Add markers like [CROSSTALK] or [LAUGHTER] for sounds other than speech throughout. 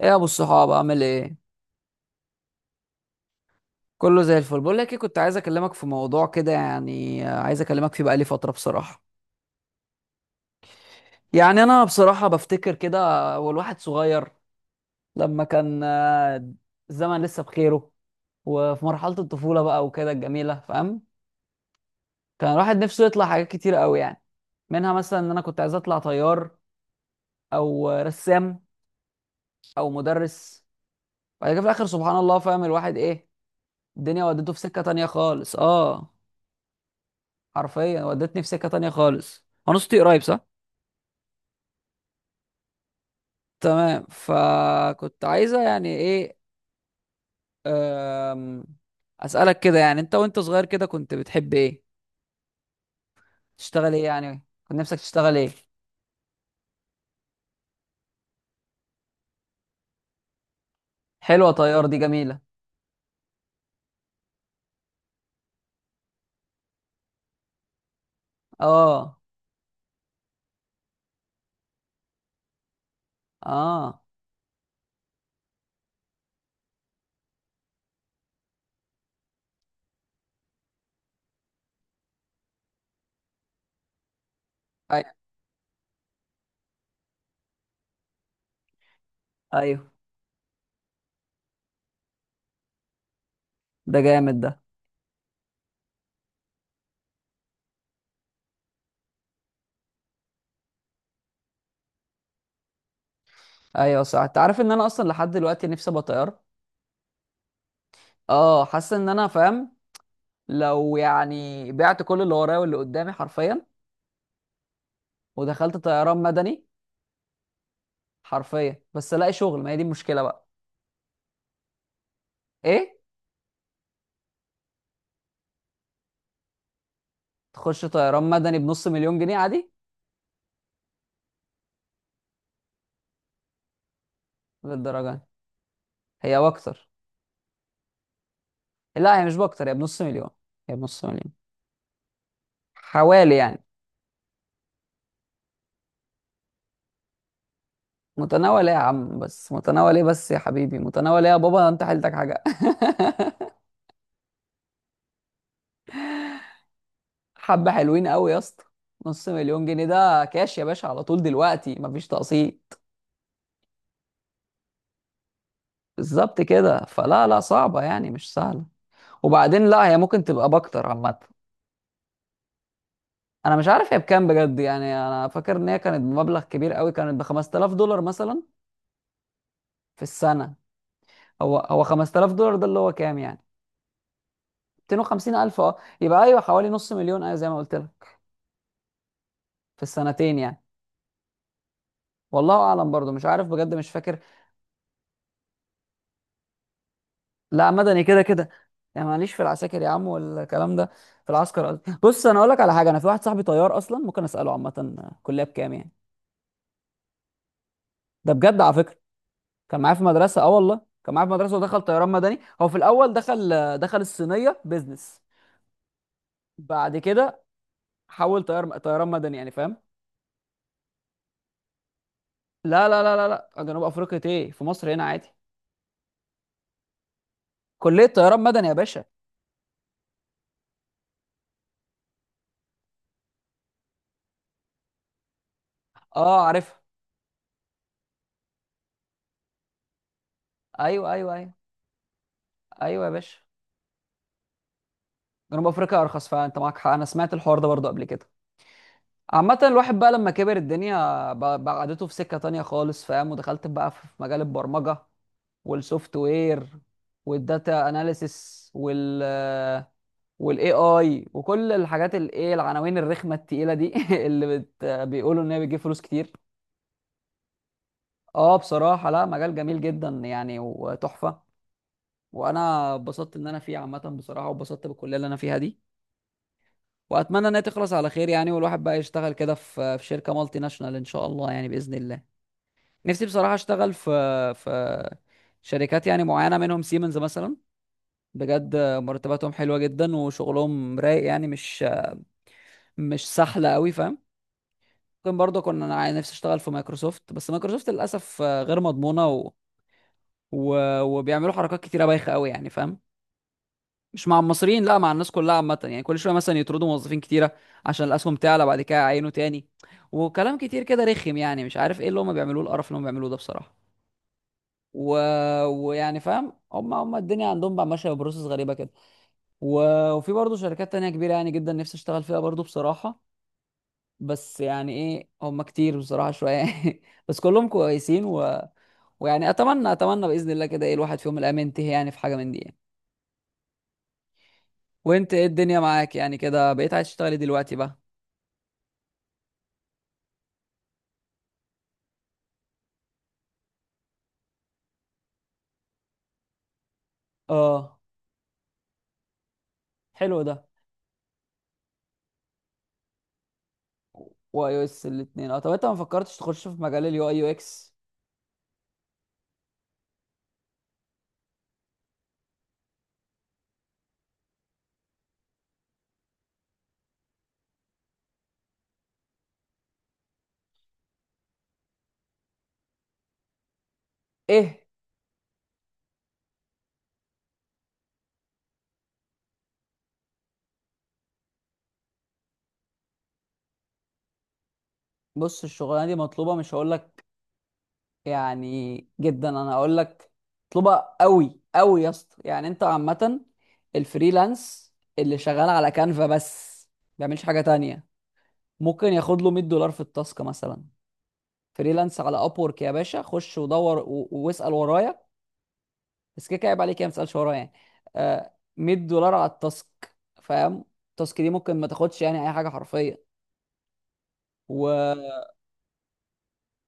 ايه يا ابو الصحاب عامل ايه؟ كله زي الفل. بقول لك ايه، كنت عايز اكلمك في موضوع كده، يعني عايز اكلمك فيه بقالي فتره بصراحه. يعني انا بصراحه بفتكر كده، والواحد صغير لما كان الزمن لسه بخيره وفي مرحله الطفوله بقى وكده الجميله، فاهم؟ كان الواحد نفسه يطلع حاجات كتير قوي يعني، منها مثلا ان انا كنت عايز اطلع طيار، او رسام، او مدرس. بعد كده في الاخر سبحان الله، فاهم الواحد ايه، الدنيا ودته في سكه تانية خالص. اه، حرفيا ودتني في سكة تانية خالص. انا صوتي قريب صح؟ تمام، فكنت عايزة يعني ايه، أم، اسألك كده، يعني انت وانت صغير كده كنت بتحب ايه؟ تشتغل ايه؟ يعني كنت نفسك تشتغل ايه؟ حلوة طيار دي، جميلة. اه، اه، ايوه، ايوه. ده جامد ده. ايوه صح، انت عارف ان انا اصلا لحد دلوقتي نفسي ابقى طيار؟ اه، حاسس ان انا فاهم. لو يعني بعت كل اللي ورايا واللي قدامي حرفيا ودخلت طيران مدني، حرفيا، بس الاقي شغل، ما هي دي المشكله بقى. ايه، تخش طيران مدني بنص مليون جنيه عادي؟ للدرجه دي، هي واكتر. لا هي مش باكتر، هي بنص مليون، هي بنص مليون حوالي يعني. متناول ايه يا عم، بس متناول ايه، بس يا حبيبي متناول ايه يا بابا، انت حيلتك حاجه؟ [LAUGHS] حبه حلوين قوي يا اسطى. نص مليون جنيه ده كاش يا باشا، على طول دلوقتي مفيش تقسيط. بالظبط كده، فلا لا، صعبه يعني، مش سهله. وبعدين لا، هي ممكن تبقى باكتر عامه. انا مش عارف هي بكام بجد، يعني انا فاكر ان هي كانت بمبلغ كبير قوي، كانت ب $5000 مثلا في السنة. هو $5000 ده اللي هو كام يعني؟ 250 ألف، اه، يبقى أيوه حوالي نص مليون، أيوه زي ما قلت لك، في السنتين يعني. والله أعلم، برضو مش عارف بجد، مش فاكر. لا مدني كده كده، يعني معليش في العساكر يا عم والكلام ده، في العسكر قصدي. بص أنا أقول لك على حاجة، أنا في واحد صاحبي طيار أصلا، ممكن أسأله عامة كلية بكام يعني. ده بجد على فكرة، كان معايا في مدرسة، اه والله كان معايا في مدرسة، ودخل طيران مدني. هو في الأول دخل الصينية بيزنس، بعد كده حول طيار طيران مدني يعني، فاهم؟ لا لا لا لا، لا جنوب افريقيا ايه، في مصر هنا عادي، كليه طيران مدني يا باشا. اه عارفها، ايوه ايوه ايوه. ايوه يا باشا، جنوب افريقيا ارخص، فانت معاك حق، انا سمعت الحوار ده برضه قبل كده. عامة الواحد بقى لما كبر، الدنيا بعدته في سكة تانية خالص، فاهم، ودخلت بقى في مجال البرمجة والسوفت وير والداتا اناليسيس وال والاي اي وكل الحاجات الايه العناوين الرخمة التقيلة دي، [LAUGHS] اللي بيقولوا ان هي بتجيب فلوس كتير. اه بصراحة لا، مجال جميل جدا يعني وتحفة، وانا اتبسطت ان انا فيه عامة بصراحة، واتبسطت بالكلية اللي انا فيها دي، واتمنى انها تخلص على خير يعني، والواحد بقى يشتغل كده في شركة مالتي ناشونال ان شاء الله يعني بإذن الله. نفسي بصراحة اشتغل في شركات يعني معينة، منهم سيمنز مثلا، بجد مرتباتهم حلوة جدا وشغلهم رايق يعني، مش مش سهلة قوي، فاهم؟ ممكن برضه كنا، انا نفسي اشتغل في مايكروسوفت، بس مايكروسوفت للاسف غير مضمونة، و... وبيعملوا حركات كتيرة بايخة قوي يعني، فاهم؟ مش مع المصريين، لا مع الناس كلها عامة يعني. كل شوية مثلا يطردوا موظفين كتيرة عشان الأسهم تعلى، بعد كده يعينوا تاني، وكلام كتير كده رخم، يعني مش عارف ايه اللي هم بيعملوه، القرف اللي هم بيعملوه ده بصراحة. و... ويعني فاهم، هم الدنيا عندهم بقى ماشية ببروسس غريبة كده، و... وفي برضه شركات تانية كبيرة يعني جدا نفسي اشتغل فيها برضه بصراحة، بس يعني ايه، هم كتير بصراحة شوية. [LAUGHS] بس كلهم كويسين، ويعني اتمنى بإذن الله كده ايه الواحد في يوم من الايام ينتهي يعني في حاجة من دي يعني. وانت ايه الدنيا معاك يعني، كده بقيت عايز تشتغلي دلوقتي بقى؟ اه حلو ده. واي او اس الاثنين، اه طب انت ما فكرتش تخش في مجال اليو اي يو اكس؟ ايه؟ بص الشغلانه دي مطلوبه، مش هقول لك يعني جدا، انا هقول لك مطلوبه قوي قوي يا اسطى، يعني انت عامه الفريلانس اللي شغال على كانفا بس ما بيعملش حاجه تانية ممكن ياخد له $100 في التاسك مثلا. فريلانس على اب وورك يا باشا، خش ودور واسال ورايا، بس كده كده عيب عليك يعني ما تسالش ورايا يعني. آه، $100 على التاسك، فاهم؟ التاسك دي ممكن ما تاخدش يعني اي حاجه حرفيا. و،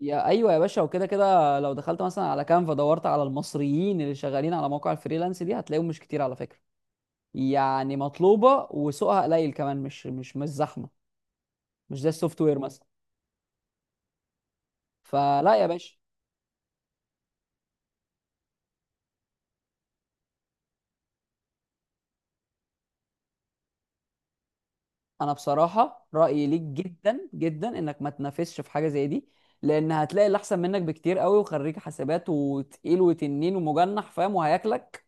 يا ايوه يا باشا، وكده كده لو دخلت مثلا على كانفا دورت على المصريين اللي شغالين على مواقع الفريلانس دي، هتلاقيهم مش كتير على فكره، يعني مطلوبه وسوقها قليل كمان، مش مش مش زحمه، مش زي السوفت وير مثلا. فلا يا باشا، انا بصراحه رايي ليك جدا جدا انك ما تنافسش في حاجه زي دي، لان هتلاقي اللي احسن منك بكتير قوي، وخريج حسابات وتقيل وتنين ومجنح، فاهم؟ وهياكلك.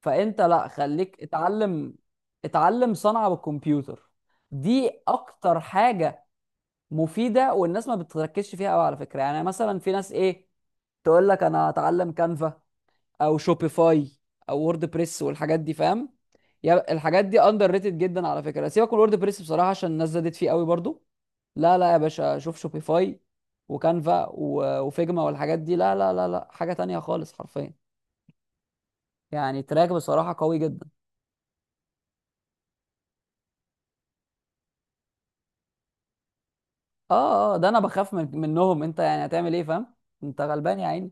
فانت لا، خليك اتعلم، اتعلم صنعه بالكمبيوتر، دي اكتر حاجه مفيده والناس ما بتركزش فيها قوي على فكره. يعني مثلا في ناس ايه، تقول لك انا هتعلم كانفا، او شوبيفاي، او وورد بريس والحاجات دي، فاهم؟ يا الحاجات دي اندر ريتد جدا على فكره. سيبك من وورد بريس بصراحه عشان الناس زادت فيه قوي برضو. لا لا يا باشا، شوف شوبيفاي وكانفا وفيجما والحاجات دي، لا لا لا لا، حاجه تانية خالص حرفيا يعني، تراك بصراحه قوي جدا. اه اه، ده انا بخاف من منهم انت يعني هتعمل ايه، فاهم؟ انت غلبان يا عيني.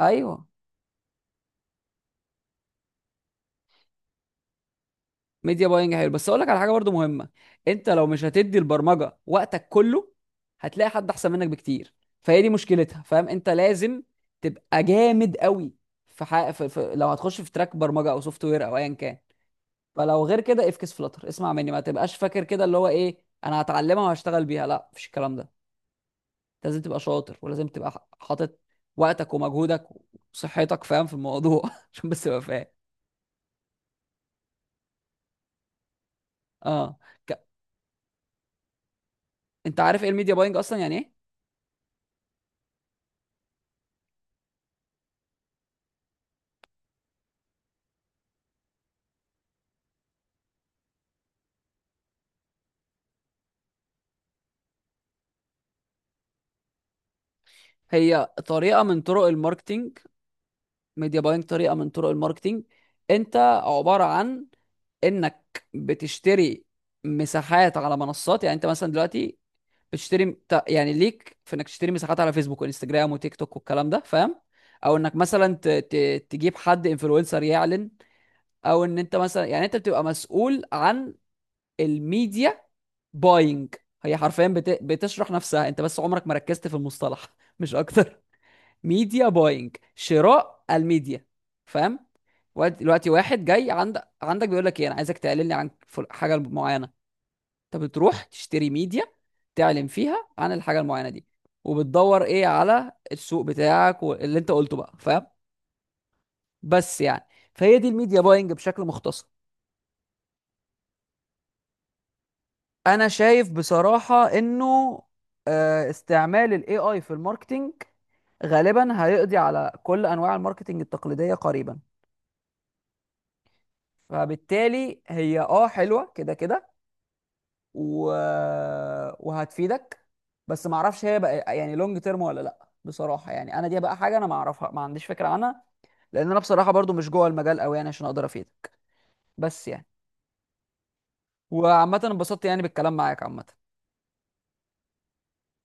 ايوه، ميديا باينج حلو، بس اقول لك على حاجه برضو مهمه، انت لو مش هتدي البرمجه وقتك كله هتلاقي حد احسن منك بكتير، فهي دي مشكلتها، فاهم؟ انت لازم تبقى جامد قوي في، لو هتخش في تراك برمجه او سوفت وير او ايا كان، فلو غير كده افكس فلتر، اسمع مني، ما تبقاش فاكر كده اللي هو ايه انا هتعلمها وهشتغل بيها، لا مفيش الكلام ده. أنت لازم تبقى شاطر، ولازم تبقى حاطط وقتك ومجهودك وصحتك، فاهم، في الموضوع [LAUGHS] عشان بس تبقى فاهم. اه، ك... انت عارف ايه الميديا باينج اصلا يعني ايه؟ هي طريقة من طرق الماركتينج. ميديا باينج طريقة من طرق الماركتينج. انت عبارة عن انك بتشتري مساحات على منصات، يعني انت مثلا دلوقتي بتشتري يعني ليك في انك تشتري مساحات على فيسبوك وانستجرام وتيك توك والكلام ده، فاهم؟ او انك مثلا تجيب حد انفلونسر يعلن، او ان انت مثلا يعني انت بتبقى مسؤول عن الميديا باينج. هي حرفيا بتشرح نفسها، انت بس عمرك ما ركزت في المصطلح [LAUGHS] مش اكتر. ميديا باينج، شراء الميديا، فاهم؟ دلوقتي واحد جاي عندك بيقول لك ايه انا عايزك تعلن لي عن حاجه معينه، انت بتروح تشتري ميديا تعلن فيها عن الحاجه المعينه دي، وبتدور ايه على السوق بتاعك واللي انت قلته بقى، فاهم؟ بس يعني، فهي دي الميديا باينج بشكل مختصر. انا شايف بصراحه انه استعمال الاي اي في الماركتينج غالبا هيقضي على كل انواع الماركتينج التقليديه قريبا، فبالتالي هي اه حلوه كده كده، و... وهتفيدك، بس ما اعرفش هي بقى يعني لونج تيرم ولا لا بصراحه، يعني انا دي بقى حاجه انا ما اعرفها، ما عنديش فكره عنها، لان انا بصراحه برضو مش جوه المجال قوي يعني عشان اقدر افيدك، بس يعني. وعامه انبسطت يعني بالكلام معاك عامه.